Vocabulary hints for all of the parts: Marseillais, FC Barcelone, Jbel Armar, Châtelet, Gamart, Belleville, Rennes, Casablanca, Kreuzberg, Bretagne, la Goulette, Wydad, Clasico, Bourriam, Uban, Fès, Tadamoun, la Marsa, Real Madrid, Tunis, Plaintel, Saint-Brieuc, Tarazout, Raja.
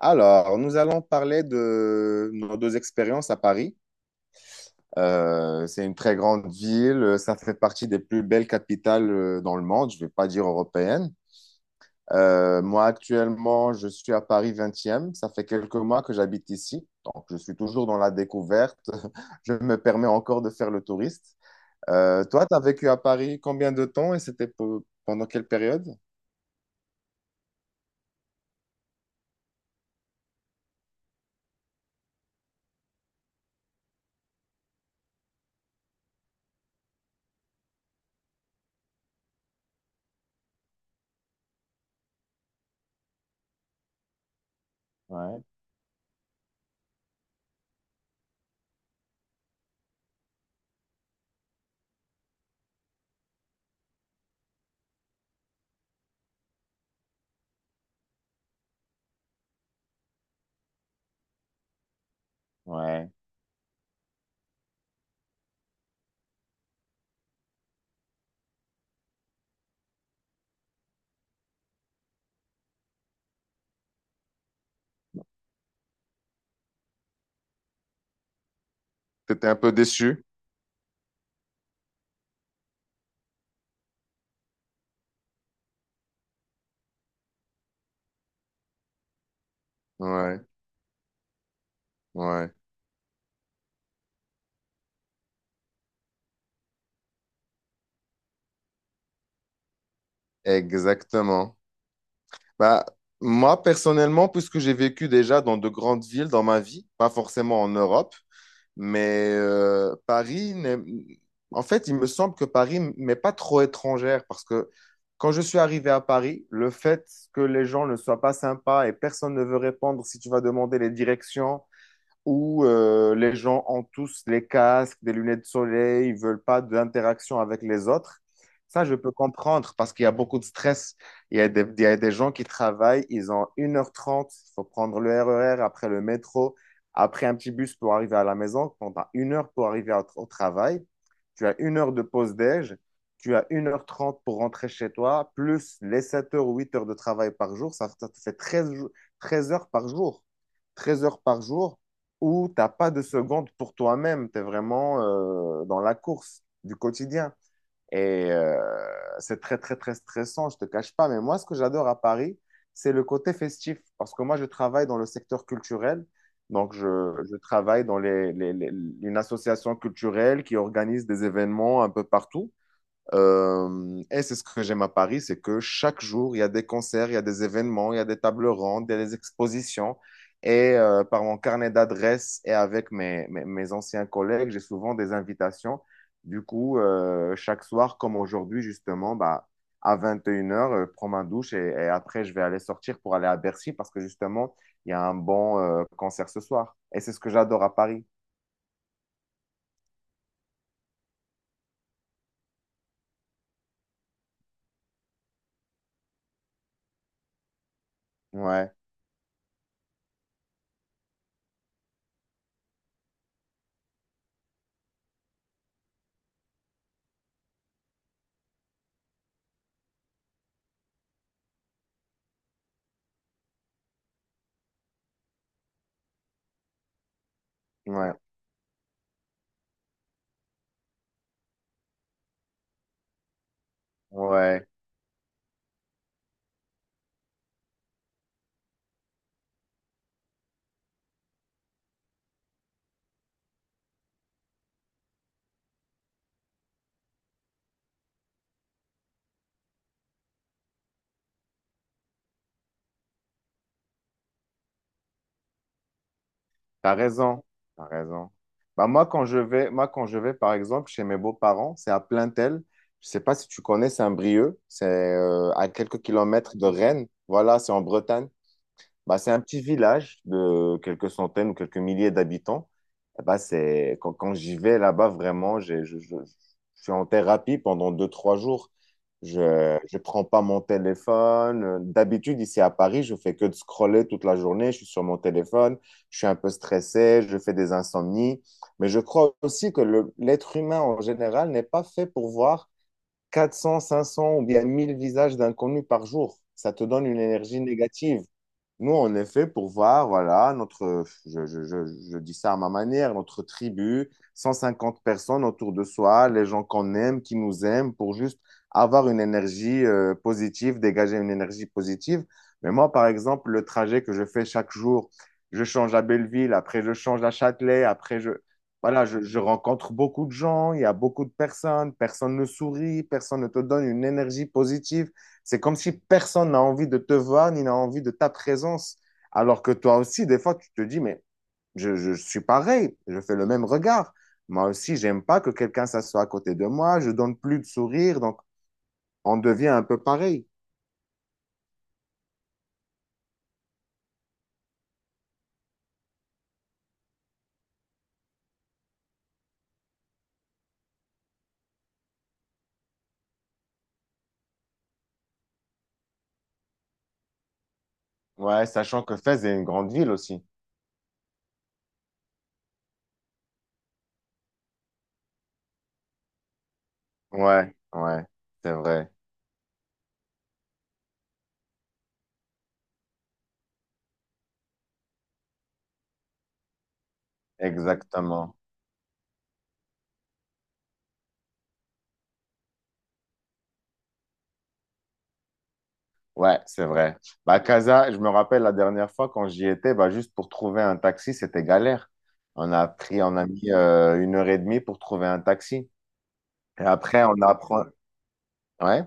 Alors, nous allons parler de nos deux expériences à Paris. C'est une très grande ville, ça fait partie des plus belles capitales dans le monde, je ne vais pas dire européenne. Moi, actuellement, je suis à Paris vingtième. Ça fait quelques mois que j'habite ici, donc je suis toujours dans la découverte, je me permets encore de faire le touriste. Toi, tu as vécu à Paris combien de temps et c'était pendant quelle période? Ouais, ouais. T'étais un peu déçu? Ouais, ouais, exactement. Bah, moi, personnellement, puisque j'ai vécu déjà dans de grandes villes dans ma vie, pas forcément en Europe, mais Paris, en fait, il me semble que Paris m'est pas trop étrangère parce que quand je suis arrivé à Paris, le fait que les gens ne soient pas sympas et personne ne veut répondre si tu vas demander les directions, où les gens ont tous les casques, des lunettes de soleil, ils veulent pas d'interaction avec les autres. Ça, je peux comprendre parce qu'il y a beaucoup de stress. Il y a des gens qui travaillent, ils ont 1h30. Il faut prendre le RER, après le métro, après un petit bus pour arriver à la maison. Quand tu as 1 heure pour arriver au travail, tu as une heure de pause déj, tu as 1h30 pour rentrer chez toi, plus les 7 heures ou 8 heures de travail par jour, ça te fait 13 heures par jour. 13 heures par jour où t'as pas de seconde pour toi-même, tu es vraiment dans la course du quotidien. Et euh, c'est très, très, très stressant, je ne te cache pas. Mais moi, ce que j'adore à Paris, c'est le côté festif. Parce que moi, je travaille dans le secteur culturel. Donc, je travaille dans une association culturelle qui organise des événements un peu partout. Et c'est ce que j'aime à Paris, c'est que chaque jour, il y a des concerts, il y a des événements, il y a des tables rondes, il y a des expositions. Par mon carnet d'adresses et avec mes anciens collègues, j'ai souvent des invitations. Du coup, chaque soir, comme aujourd'hui, justement, bah, à 21 heures, je prends ma douche et après, je vais aller sortir pour aller à Bercy parce que justement, il y a un bon concert ce soir. Et c'est ce que j'adore à Paris. Ouais, ouais, ouais. T'as raison, t'as raison. Bah moi, quand je vais, par exemple, chez mes beaux-parents, c'est à Plaintel. Je sais pas si tu connais Saint-Brieuc, c'est à quelques kilomètres de Rennes. Voilà, c'est en Bretagne. Bah, c'est un petit village de quelques centaines ou quelques milliers d'habitants. Eh ben, c'est quand j'y vais là-bas, vraiment, je suis en thérapie pendant deux, trois jours. Je ne prends pas mon téléphone. D'habitude, ici à Paris, je fais que de scroller toute la journée. Je suis sur mon téléphone. Je suis un peu stressé. Je fais des insomnies. Mais je crois aussi que l'être humain en général n'est pas fait pour voir 400 500 ou bien 1000 visages d'inconnus par jour. Ça te donne une énergie négative. Nous, on est fait pour voir, voilà, notre, je dis ça à ma manière, notre tribu, 150 personnes autour de soi, les gens qu'on aime, qui nous aiment, pour juste avoir une énergie positive, dégager une énergie positive. Mais moi, par exemple, le trajet que je fais chaque jour, je change à Belleville, après je change à Châtelet, après voilà, je rencontre beaucoup de gens, il y a beaucoup de personnes, personne ne sourit, personne ne te donne une énergie positive. C'est comme si personne n'a envie de te voir ni n'a envie de ta présence. Alors que toi aussi, des fois, tu te dis, mais je suis pareil, je fais le même regard. Moi aussi, j'aime pas que quelqu'un s'assoie à côté de moi, je donne plus de sourire, donc on devient un peu pareil. Ouais, sachant que Fès est une grande ville aussi. Ouais, ouais, c'est vrai, exactement. Ouais, c'est vrai. Bah, Casa, je me rappelle la dernière fois quand j'y étais, bah, juste pour trouver un taxi, c'était galère. On a mis 1h30 pour trouver un taxi. Et après, on apprend. Ouais,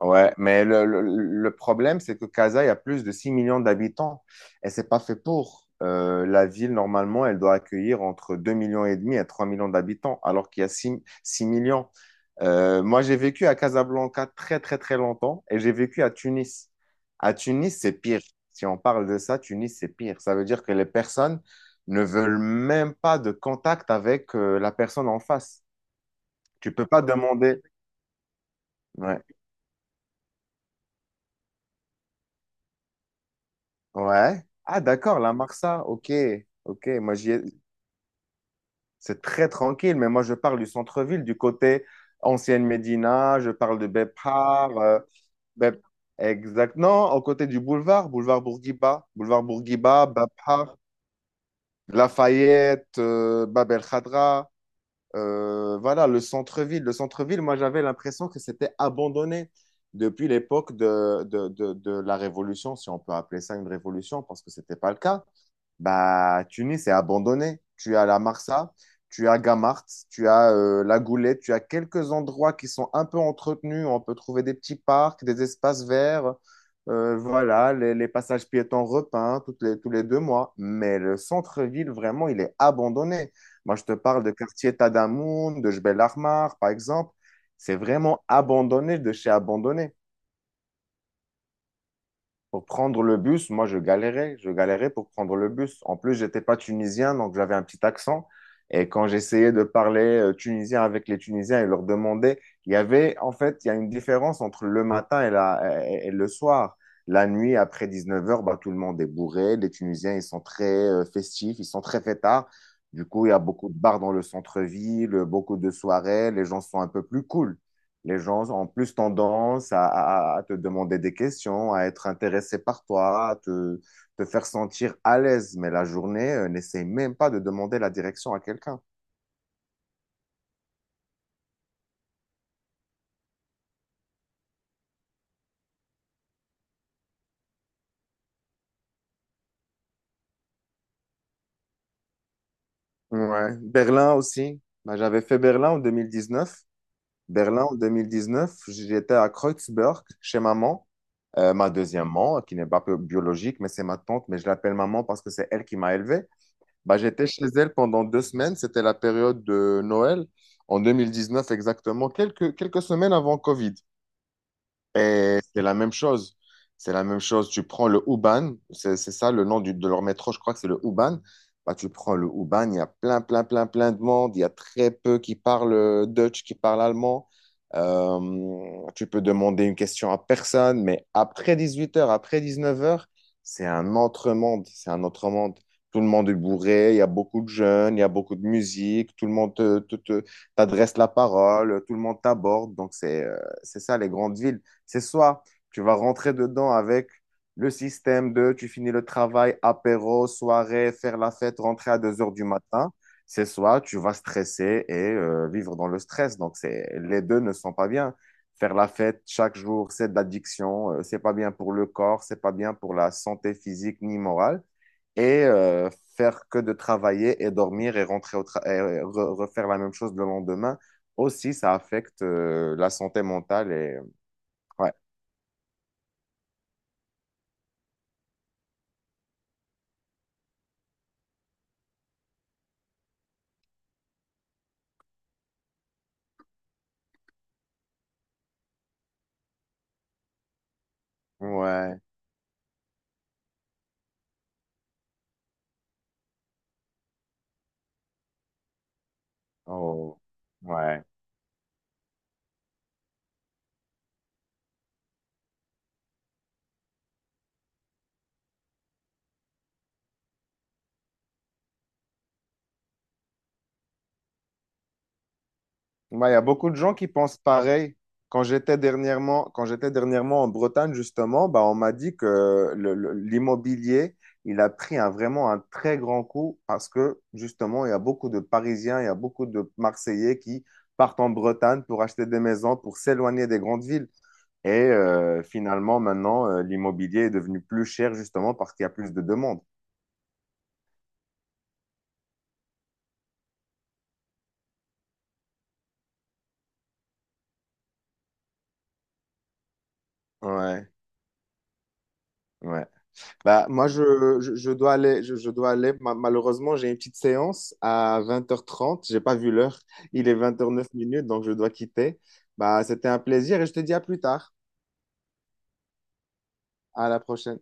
ouais. Mais le problème, c'est que Casa, il y a plus de 6 millions d'habitants et c'est pas fait pour. La ville, normalement, elle doit accueillir entre 2,5 millions et 3 millions d'habitants, alors qu'il y a six millions. Moi, j'ai vécu à Casablanca très, très, très longtemps et j'ai vécu à Tunis. À Tunis, c'est pire. Si on parle de ça, Tunis, c'est pire. Ça veut dire que les personnes ne veulent même pas de contact avec la personne en face. Tu peux pas demander. Ouais. Ouais. Ah, d'accord, la Marsa. Ok, ok. C'est très tranquille, mais moi, je parle du centre-ville, du côté ancienne Médina. Je parle de Bepar. Bep- Exact. Non, au côté du boulevard, boulevard Bourguiba, Bepar, Lafayette, Bab el Khadra. Voilà, le centre-ville. Le centre-ville, moi, j'avais l'impression que c'était abandonné depuis l'époque de la Révolution, si on peut appeler ça une révolution, parce que c'était pas le cas. Bah, Tunis est abandonné. Tu as la Marsa, tu as Gamart, tu as la Goulette, tu as quelques endroits qui sont un peu entretenus. On peut trouver des petits parcs, des espaces verts. Voilà, les passages piétons repeints tous les deux mois. Mais le centre-ville, vraiment, il est abandonné. Moi, je te parle de quartier Tadamoun, de Jbel Armar, par exemple. C'est vraiment abandonné de chez abandonné. Pour prendre le bus, moi, je galérais. Je galérais pour prendre le bus. En plus, j'étais pas tunisien, donc j'avais un petit accent. Et quand j'essayais de parler tunisien avec les Tunisiens et leur demander, en fait, il y a une différence entre le matin et le soir. La nuit, après 19h, bah, tout le monde est bourré. Les Tunisiens, ils sont très festifs, ils sont très fêtards. Du coup, il y a beaucoup de bars dans le centre-ville, beaucoup de soirées. Les gens sont un peu plus cool. Les gens ont plus tendance à te demander des questions, à être intéressés par toi, à te faire sentir à l'aise. Mais la journée, n'essaie même pas de demander la direction à quelqu'un. Ouais. Berlin aussi. Bah, j'avais fait Berlin en 2019. Berlin en 2019, j'étais à Kreuzberg chez maman. Ma deuxième maman, qui n'est pas biologique, mais c'est ma tante, mais je l'appelle maman parce que c'est elle qui m'a élevé. Bah, j'étais chez elle pendant 2 semaines, c'était la période de Noël, en 2019 exactement, quelques semaines avant Covid. Et c'est la même chose. C'est la même chose. Tu prends le Uban, c'est ça le nom de leur métro, je crois que c'est le Uban. Bah, tu prends le Uban, il y a plein, plein, plein, plein de monde. Il y a très peu qui parlent Dutch, qui parlent allemand. Tu peux demander une question à personne, mais après 18h après 19h c'est un autre monde. C'est un autre monde. Tout le monde est bourré, il y a beaucoup de jeunes, il y a beaucoup de musique, tout le monde t'adresse la parole, tout le monde t'aborde. Donc, c'est ça les grandes villes. C'est soit tu vas rentrer dedans avec le système de tu finis le travail, apéro, soirée, faire la fête, rentrer à 2h du matin. C'est soit tu vas stresser et vivre dans le stress. Donc, c'est, les deux ne sont pas bien. Faire la fête chaque jour, c'est de l'addiction. C'est pas bien pour le corps, c'est pas bien pour la santé physique ni morale. Et euh, Faire que de travailler et dormir et rentrer au tra- et re- refaire la même chose le lendemain, aussi, ça affecte la santé mentale. Ouais. Ouais, oh, ouais. Ouais, il y a beaucoup de gens qui pensent pareil. Quand j'étais dernièrement en Bretagne, justement, bah, on m'a dit que l'immobilier, il a pris vraiment un très grand coup parce que, justement, il y a beaucoup de Parisiens, il y a beaucoup de Marseillais qui partent en Bretagne pour acheter des maisons, pour s'éloigner des grandes villes. Finalement, maintenant, l'immobilier est devenu plus cher, justement, parce qu'il y a plus de demandes. Ouais, ouais. Bah, moi, je dois aller, je dois aller. Malheureusement, j'ai une petite séance à 20h30. J'ai pas vu l'heure. Il est 20h09 minutes, donc je dois quitter. Bah, c'était un plaisir et je te dis à plus tard. À la prochaine.